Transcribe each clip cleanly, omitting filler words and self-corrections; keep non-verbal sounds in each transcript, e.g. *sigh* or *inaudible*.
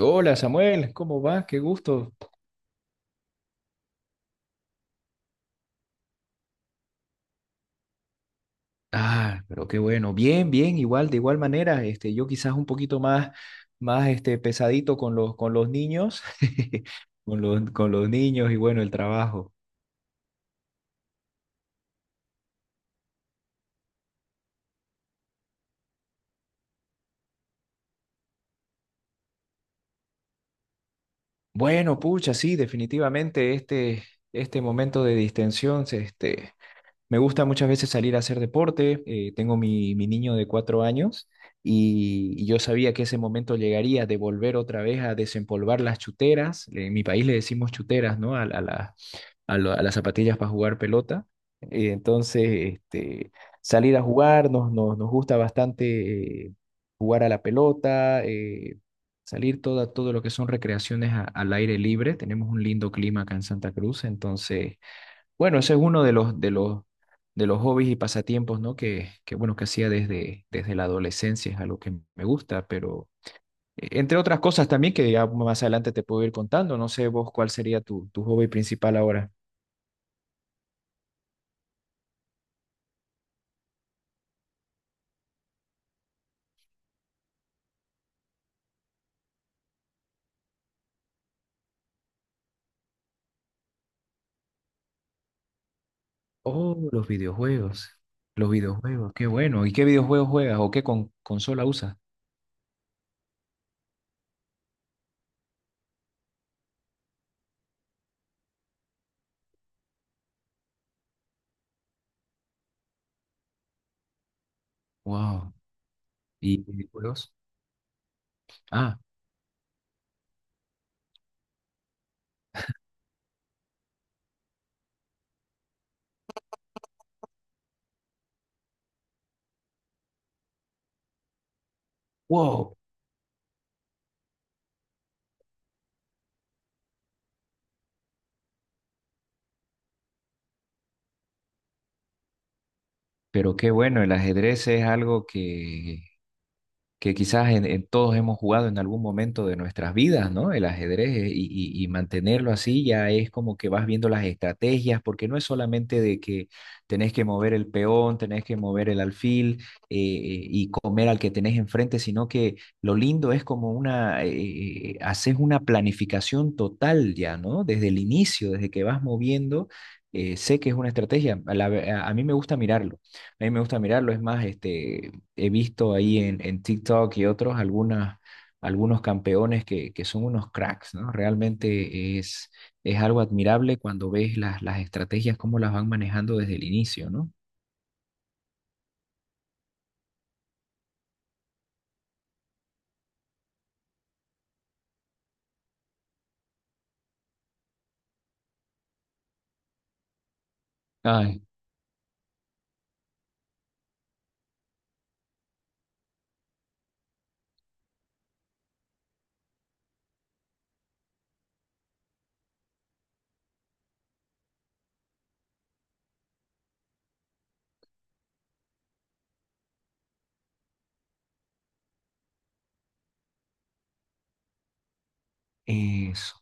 Hola Samuel, ¿cómo vas? Qué gusto. Ah, pero qué bueno. Bien, bien, igual, de igual manera, yo quizás un poquito más, más pesadito con los niños, *laughs* con los niños y bueno, el trabajo. Bueno, pucha, sí, definitivamente este momento de distensión. Me gusta muchas veces salir a hacer deporte. Tengo mi niño de 4 años y yo sabía que ese momento llegaría de volver otra vez a desempolvar las chuteras. En mi país le decimos chuteras, ¿no? A a las zapatillas para jugar pelota. Entonces, este, salir a jugar, nos gusta bastante jugar a la pelota, salir todo lo que son recreaciones al aire libre. Tenemos un lindo clima acá en Santa Cruz, entonces bueno, ese es uno de los hobbies y pasatiempos, ¿no? Que bueno, que hacía desde la adolescencia, es algo que me gusta, pero entre otras cosas también que ya más adelante te puedo ir contando, no sé vos cuál sería tu hobby principal ahora. Oh, los videojuegos, qué bueno. ¿Y qué videojuegos juegas o qué consola usas? Wow. ¿Y videojuegos? Ah, wow. Pero qué bueno, el ajedrez es algo que quizás en todos hemos jugado en algún momento de nuestras vidas, ¿no? El ajedrez y mantenerlo así ya es como que vas viendo las estrategias, porque no es solamente de que tenés que mover el peón, tenés que mover el alfil y comer al que tenés enfrente, sino que lo lindo es como haces una planificación total ya, ¿no? Desde el inicio, desde que vas moviendo. Sé que es una estrategia, a mí me gusta mirarlo, a mí me gusta mirarlo, es más, he visto ahí en TikTok y otros algunos campeones que son unos cracks, ¿no? Realmente es algo admirable cuando ves las estrategias, cómo las van manejando desde el inicio, ¿no? Ay, eso.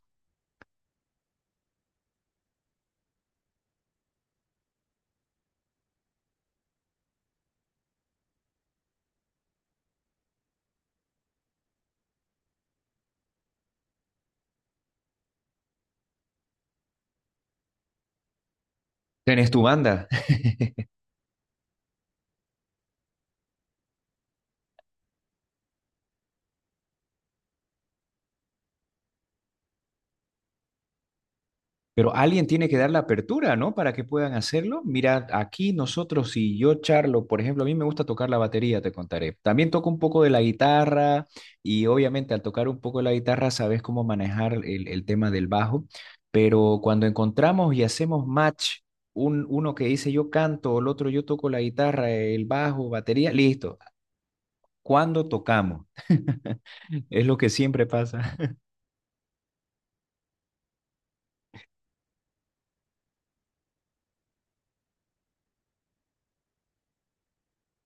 ¿Tenés tu banda? Pero alguien tiene que dar la apertura, ¿no? Para que puedan hacerlo. Mira, aquí nosotros, si yo charlo, por ejemplo, a mí me gusta tocar la batería, te contaré. También toco un poco de la guitarra y obviamente al tocar un poco de la guitarra sabes cómo manejar el tema del bajo, pero cuando encontramos y hacemos match, uno que dice yo canto, el otro yo toco la guitarra, el bajo, batería, listo. ¿Cuándo tocamos? *laughs* Es lo que siempre pasa.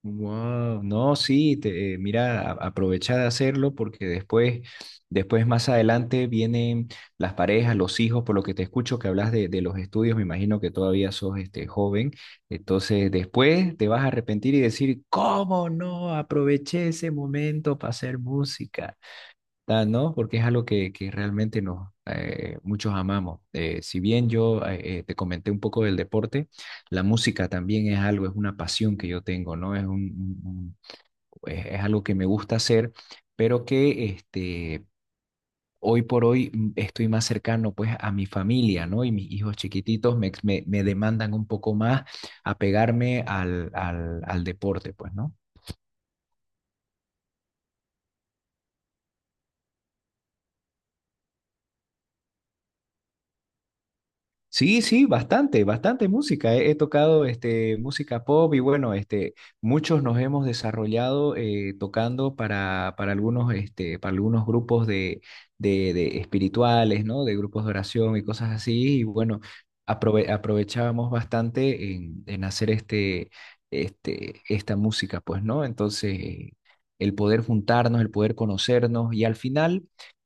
Wow, no, sí, mira, aprovecha de hacerlo porque después más adelante vienen las parejas, los hijos, por lo que te escucho que hablas de los estudios, me imagino que todavía sos joven, entonces después te vas a arrepentir y decir, ¿cómo no aproveché ese momento para hacer música? Ah, no, porque es algo que realmente muchos amamos. Si bien yo te comenté un poco del deporte, la música también es algo, es una pasión que yo tengo, ¿no? Es un- es algo que me gusta hacer, pero que hoy por hoy estoy más cercano pues a mi familia, ¿no? Y mis hijos chiquititos me demandan un poco más apegarme al deporte, pues, ¿no? Sí, sí, bastante, bastante música. He tocado música pop y bueno, muchos nos hemos desarrollado tocando para algunos grupos de espirituales, ¿no? De grupos de oración y cosas así. Y bueno, aprovechábamos bastante en hacer esta música, pues, ¿no? Entonces, el poder juntarnos, el poder conocernos y al final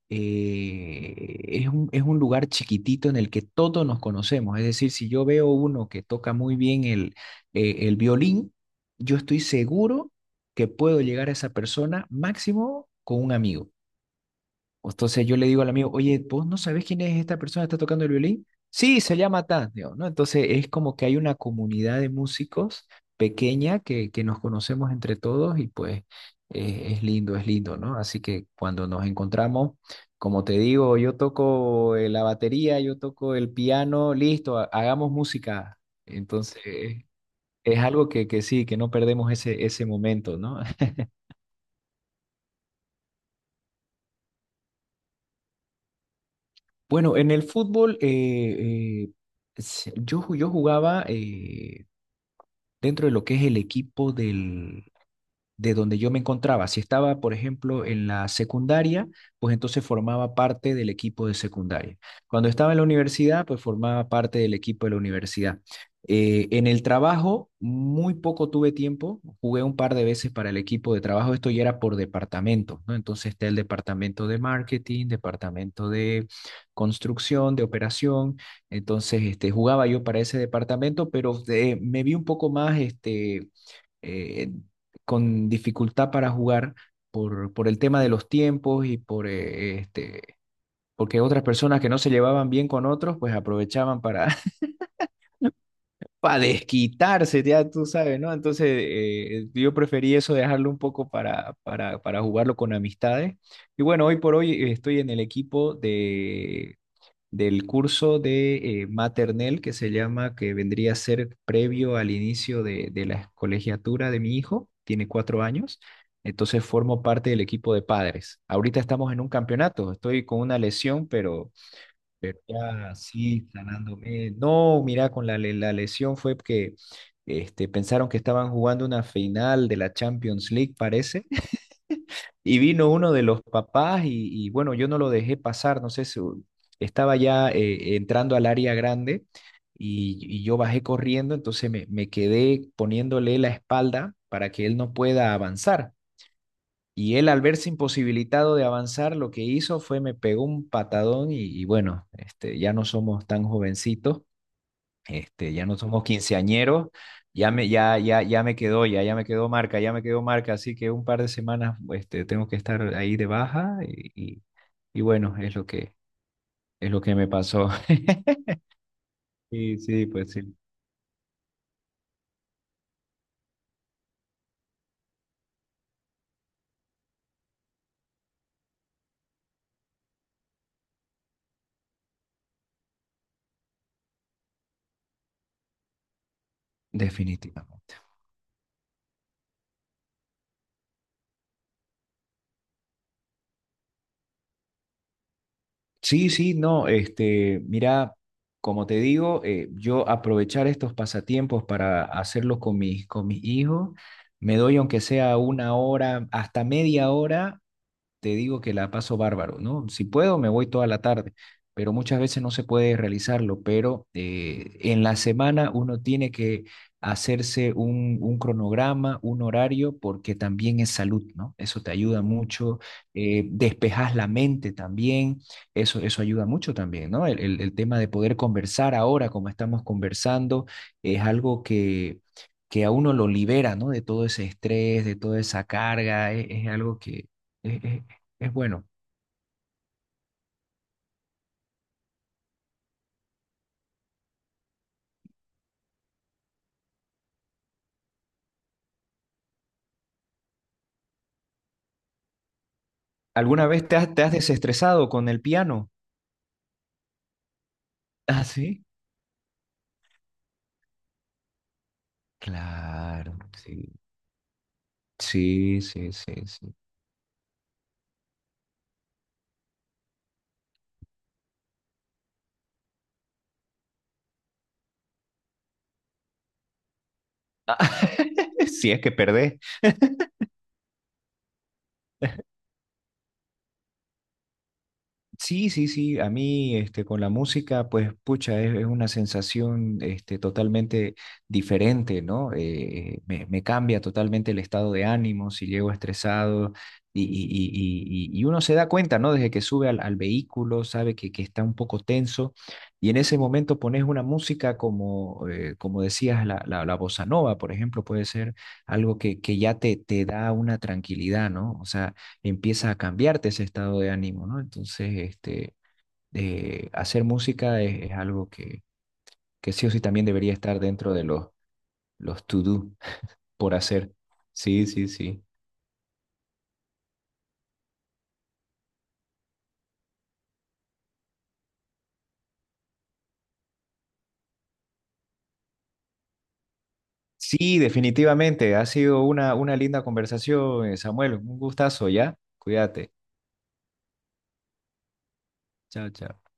es un lugar chiquitito en el que todos nos conocemos. Es decir, si yo veo uno que toca muy bien el violín, yo estoy seguro que puedo llegar a esa persona máximo con un amigo. Entonces yo le digo al amigo, oye, ¿vos no sabés quién es esta persona que está tocando el violín? Sí, se llama tal, digo, ¿no? Entonces es como que hay una comunidad de músicos pequeña que nos conocemos entre todos y pues es lindo, ¿no? Así que cuando nos encontramos, como te digo, yo toco la batería, yo toco el piano, listo, hagamos música. Entonces es algo que sí, que no perdemos ese momento, ¿no? Bueno, en el fútbol yo jugaba dentro de lo que es el equipo de donde yo me encontraba. Si estaba, por ejemplo, en la secundaria, pues entonces formaba parte del equipo de secundaria. Cuando estaba en la universidad, pues formaba parte del equipo de la universidad. En el trabajo, muy poco tuve tiempo, jugué un par de veces para el equipo de trabajo, esto ya era por departamento, ¿no? Entonces está el departamento de marketing, departamento de construcción, de operación, entonces jugaba yo para ese departamento, pero me vi un poco más, eh, con dificultad para jugar por el tema de los tiempos y porque otras personas que no se llevaban bien con otros, pues aprovechaban para, *laughs* para desquitarse, ya tú sabes, ¿no? Entonces yo preferí eso, dejarlo un poco para jugarlo con amistades. Y bueno, hoy por hoy estoy en el equipo de del curso de maternel que se llama, que vendría a ser previo al inicio de la colegiatura de mi hijo, tiene 4 años, entonces formo parte del equipo de padres. Ahorita estamos en un campeonato, estoy con una lesión, pero ya sí, sanándome. No, mira, con la lesión fue que pensaron que estaban jugando una final de la Champions League, parece, y vino uno de los papás y bueno, yo no lo dejé pasar, no sé, estaba ya entrando al área grande y yo bajé corriendo, entonces me quedé poniéndole la espalda para que él no pueda avanzar. Y él al verse imposibilitado de avanzar, lo que hizo fue me pegó un patadón y bueno, ya no somos tan jovencitos, ya no somos quinceañeros, ya me, ya, ya, ya me quedó, ya, ya me quedó marca, ya me quedó marca, así que un par de semanas, tengo que estar ahí de baja y, y bueno, es lo que me pasó. *laughs* Sí, sí, pues sí, definitivamente. Sí, sí, no, mira, como te digo, yo aprovechar estos pasatiempos para hacerlos con mis hijos, me doy aunque sea una hora, hasta media hora te digo que la paso bárbaro, ¿no? Si puedo, me voy toda la tarde, pero muchas veces no se puede realizarlo, pero en la semana uno tiene que hacerse un cronograma, un horario, porque también es salud, ¿no? Eso te ayuda mucho, despejas la mente también, eso ayuda mucho también, ¿no? El tema de poder conversar ahora, como estamos conversando, es algo que a uno lo libera, ¿no? De todo ese estrés, de toda esa carga, es algo que, es, es bueno. ¿Alguna vez te has desestresado con el piano? Ah, sí. Claro, sí. Sí, sí, sí, sí. Ah, *laughs* si es que perdés. Sí, sí, sí, a mí con la música, pues pucha, es una sensación totalmente diferente, ¿no? Me cambia totalmente el estado de ánimo si llego estresado y uno se da cuenta, ¿no? Desde que sube al vehículo, sabe que está un poco tenso y en ese momento pones una música como decías, la bossa nova, por ejemplo, puede ser algo que ya te da una tranquilidad, ¿no? O sea empieza a cambiarte ese estado de ánimo, ¿no? Entonces, hacer música es algo que sí o sí también debería estar dentro de los to-do por hacer. Sí, sí, sí. Sí, definitivamente. Ha sido una linda conversación, Samuel. Un gustazo, ¿ya? Cuídate. Chao, chao.